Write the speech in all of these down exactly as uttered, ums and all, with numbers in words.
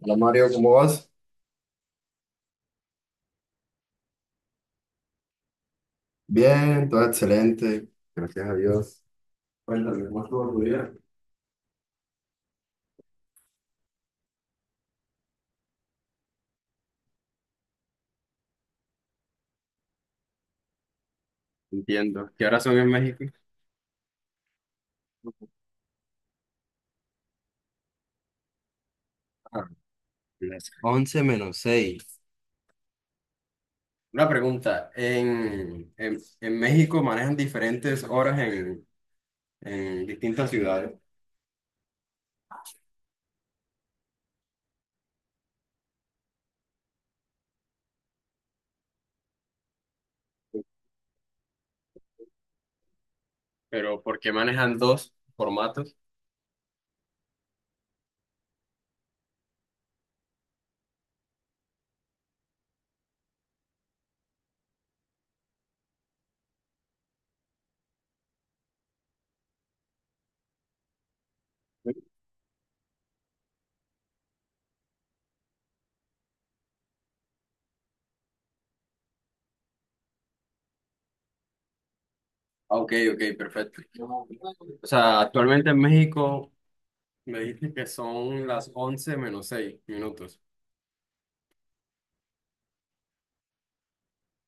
Hola Mario, ¿cómo vas? Bien, todo excelente, gracias a Dios. Cuéntame, ¿cómo estuvo tu día? Entiendo. ¿Qué horas son en México? Ah, las once menos seis. Una pregunta. En, en, en México manejan diferentes horas en, en distintas ciudades, pero ¿por qué manejan dos formatos? Ah, ok, ok, perfecto. O sea, actualmente en México me dijiste que son las once menos seis minutos.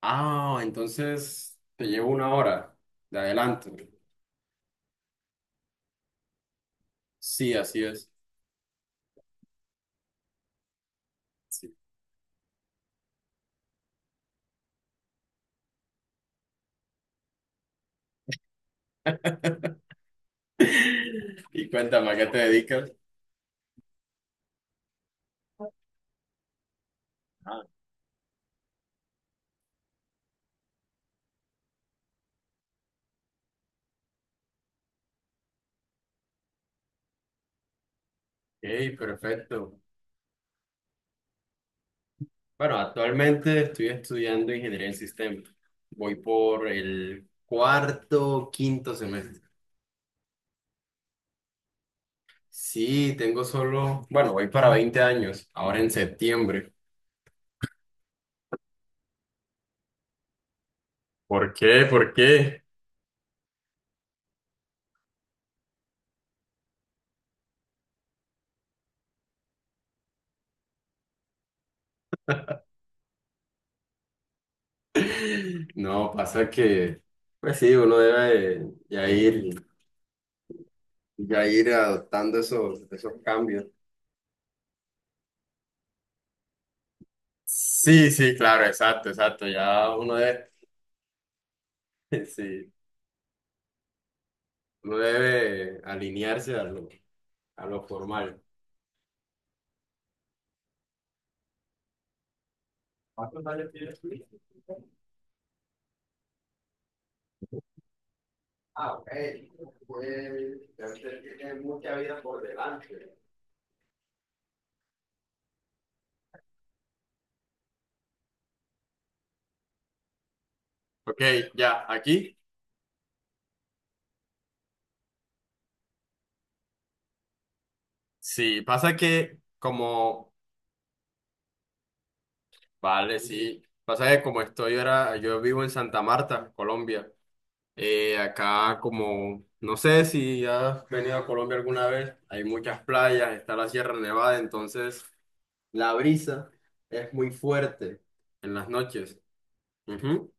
Ah, entonces te llevo una hora de adelanto. Sí, así es. Sí. Y cuéntame, ¿a qué te dedicas? Ah, ok, perfecto. Bueno, actualmente estoy estudiando ingeniería en sistemas. Voy por el cuarto, quinto semestre. Sí, tengo solo, bueno, voy para veinte años, ahora en septiembre. ¿Por qué? ¿Por qué? No, pasa que, pues sí, uno debe ya ir. Y ya ir adoptando esos, esos cambios. Sí, sí, claro, exacto, exacto. Ya uno debe, sí, uno debe alinearse a lo, a lo formal. ¿Cuántos años tienes tú? Ah, ok. Pues ya usted tiene mucha vida por delante. Ok, ya, aquí. Sí, pasa que como, vale, sí, pasa que como estoy ahora, yo vivo en Santa Marta, Colombia. Eh, acá como, no sé si has venido a Colombia alguna vez, hay muchas playas, está la Sierra Nevada, entonces la brisa es muy fuerte en las noches. Ujú.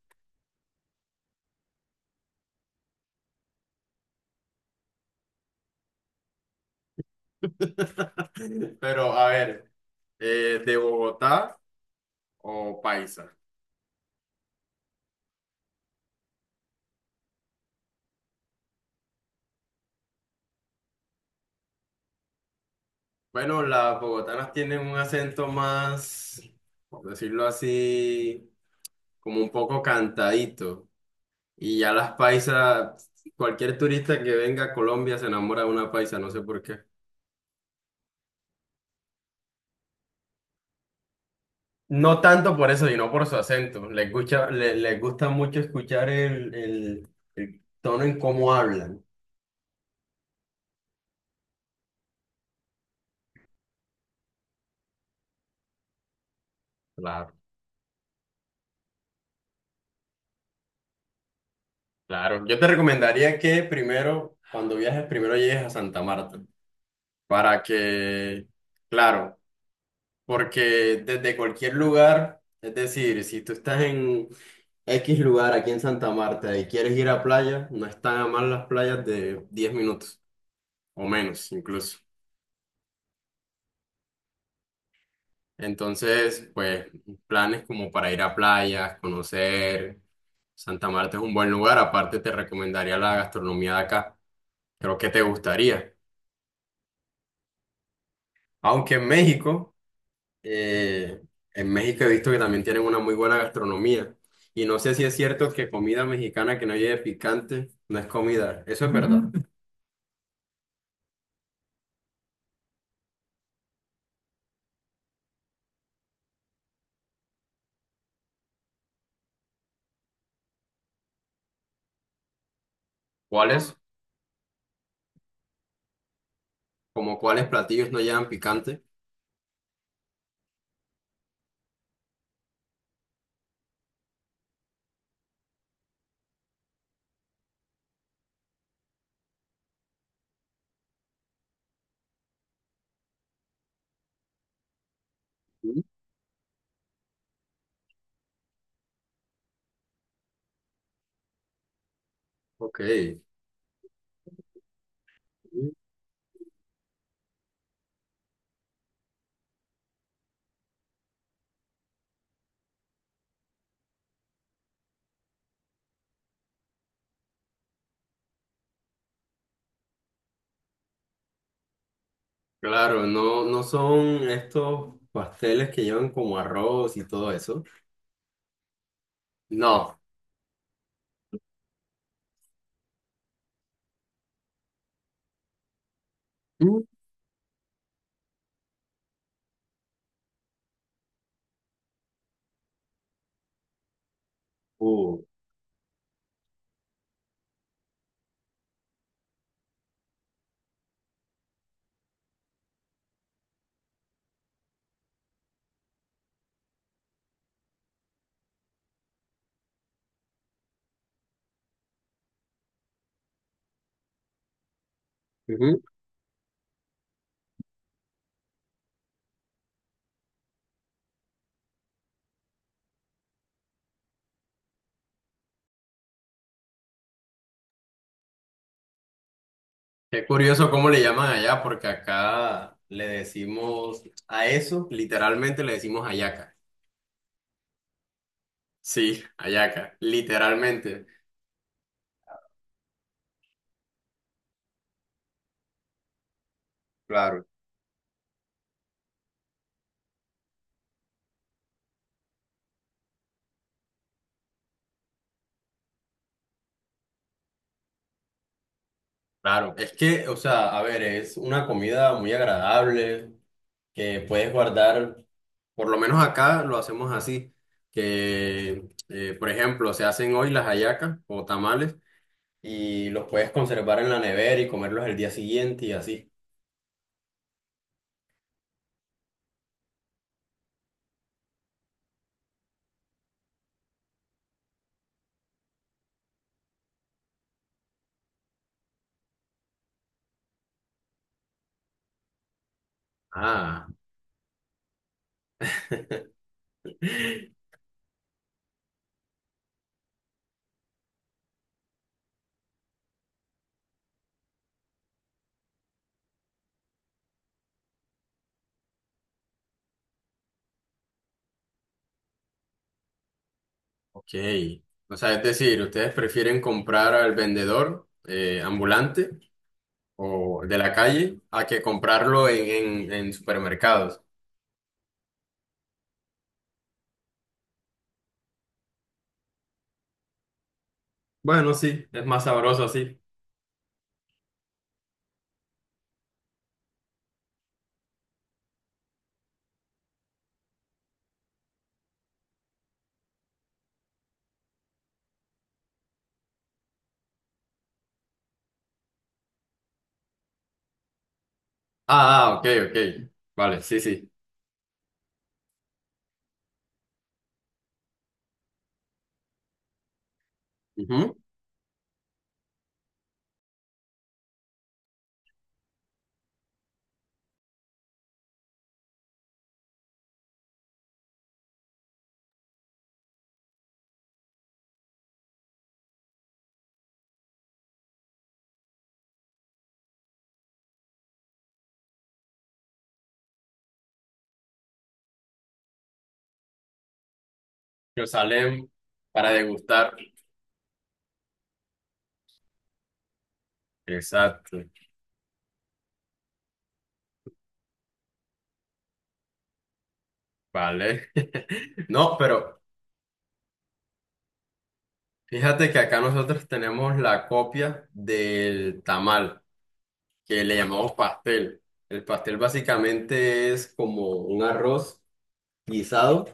Pero a ver, eh, ¿de Bogotá o paisa? Bueno, las bogotanas tienen un acento más, por decirlo así, como un poco cantadito. Y ya las paisas, cualquier turista que venga a Colombia se enamora de una paisa, no sé por qué. No tanto por eso, sino por su acento. Les gusta, le- les gusta mucho escuchar el, el, el tono en cómo hablan. Claro. Claro, yo te recomendaría que primero, cuando viajes, primero llegues a Santa Marta, para que, claro, porque desde cualquier lugar, es decir, si tú estás en X lugar aquí en Santa Marta y quieres ir a playa, no están a más las playas de diez minutos o menos incluso. Entonces, pues, planes como para ir a playas, conocer. Santa Marta es un buen lugar. Aparte, te recomendaría la gastronomía de acá. Creo que te gustaría. Aunque en México, eh, en México he visto que también tienen una muy buena gastronomía. Y no sé si es cierto que comida mexicana que no lleve picante no es comida. Eso es verdad. Ujú. ¿Cuáles? Como cuáles platillos no llevan picante. Mm. Ok. Claro, no, no son estos pasteles que llevan como arroz y todo eso. No. Mm. Uh, ujú. Qué curioso cómo le llaman allá, porque acá le decimos a eso, literalmente le decimos hallaca. Sí, hallaca, literalmente. Claro. Claro, es que, o sea, a ver, es una comida muy agradable que puedes guardar, por lo menos acá lo hacemos así, que, eh, por ejemplo, se hacen hoy las hallacas o tamales y los puedes conservar en la nevera y comerlos el día siguiente y así. Ah, ok. O sea, es decir, ¿ustedes prefieren comprar al vendedor eh, ambulante o de la calle a que comprarlo en, en- en supermercados? Bueno, sí, es más sabroso así. Ah, ah, ok, ok. Vale, sí, sí. Ujú. Que salen para degustar. Exacto. Vale. No, pero fíjate que acá nosotros tenemos la copia del tamal, que le llamamos pastel. El pastel básicamente es como un arroz guisado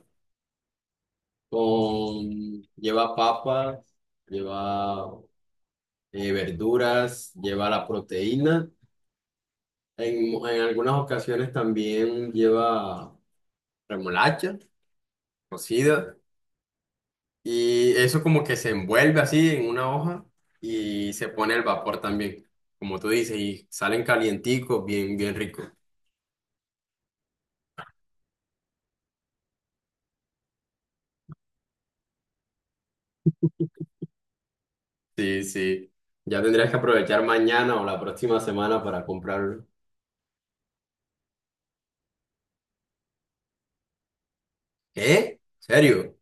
con, lleva papas, lleva eh, verduras, lleva la proteína. En, en algunas ocasiones también lleva remolacha cocida y eso como que se envuelve así en una hoja y se pone al vapor también, como tú dices, y salen calienticos, bien, bien ricos. Sí, sí. Ya tendrías que aprovechar mañana o la próxima semana para comprarlo. ¿Qué? ¿Serio?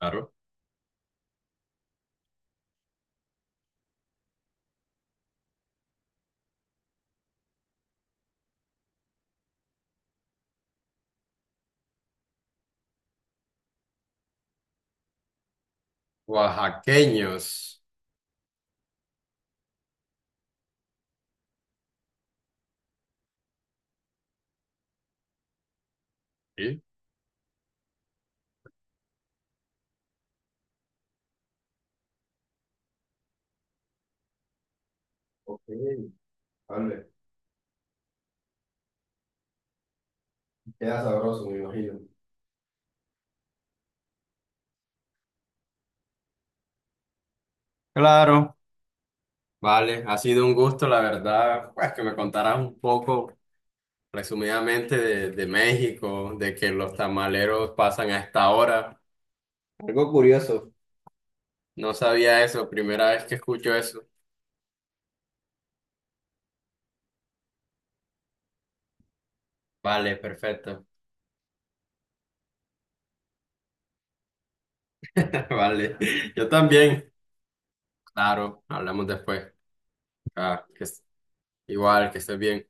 Claro. Oaxaqueños. Sí. Queda sabroso, me imagino. Claro. Vale, ha sido un gusto, la verdad, pues que me contaras un poco resumidamente de, de México, de que los tamaleros pasan a esta hora. Algo curioso. No sabía eso, primera vez que escucho eso. Vale, perfecto. Vale, yo también. Claro, hablamos después. Ah, que Igual, que estés bien.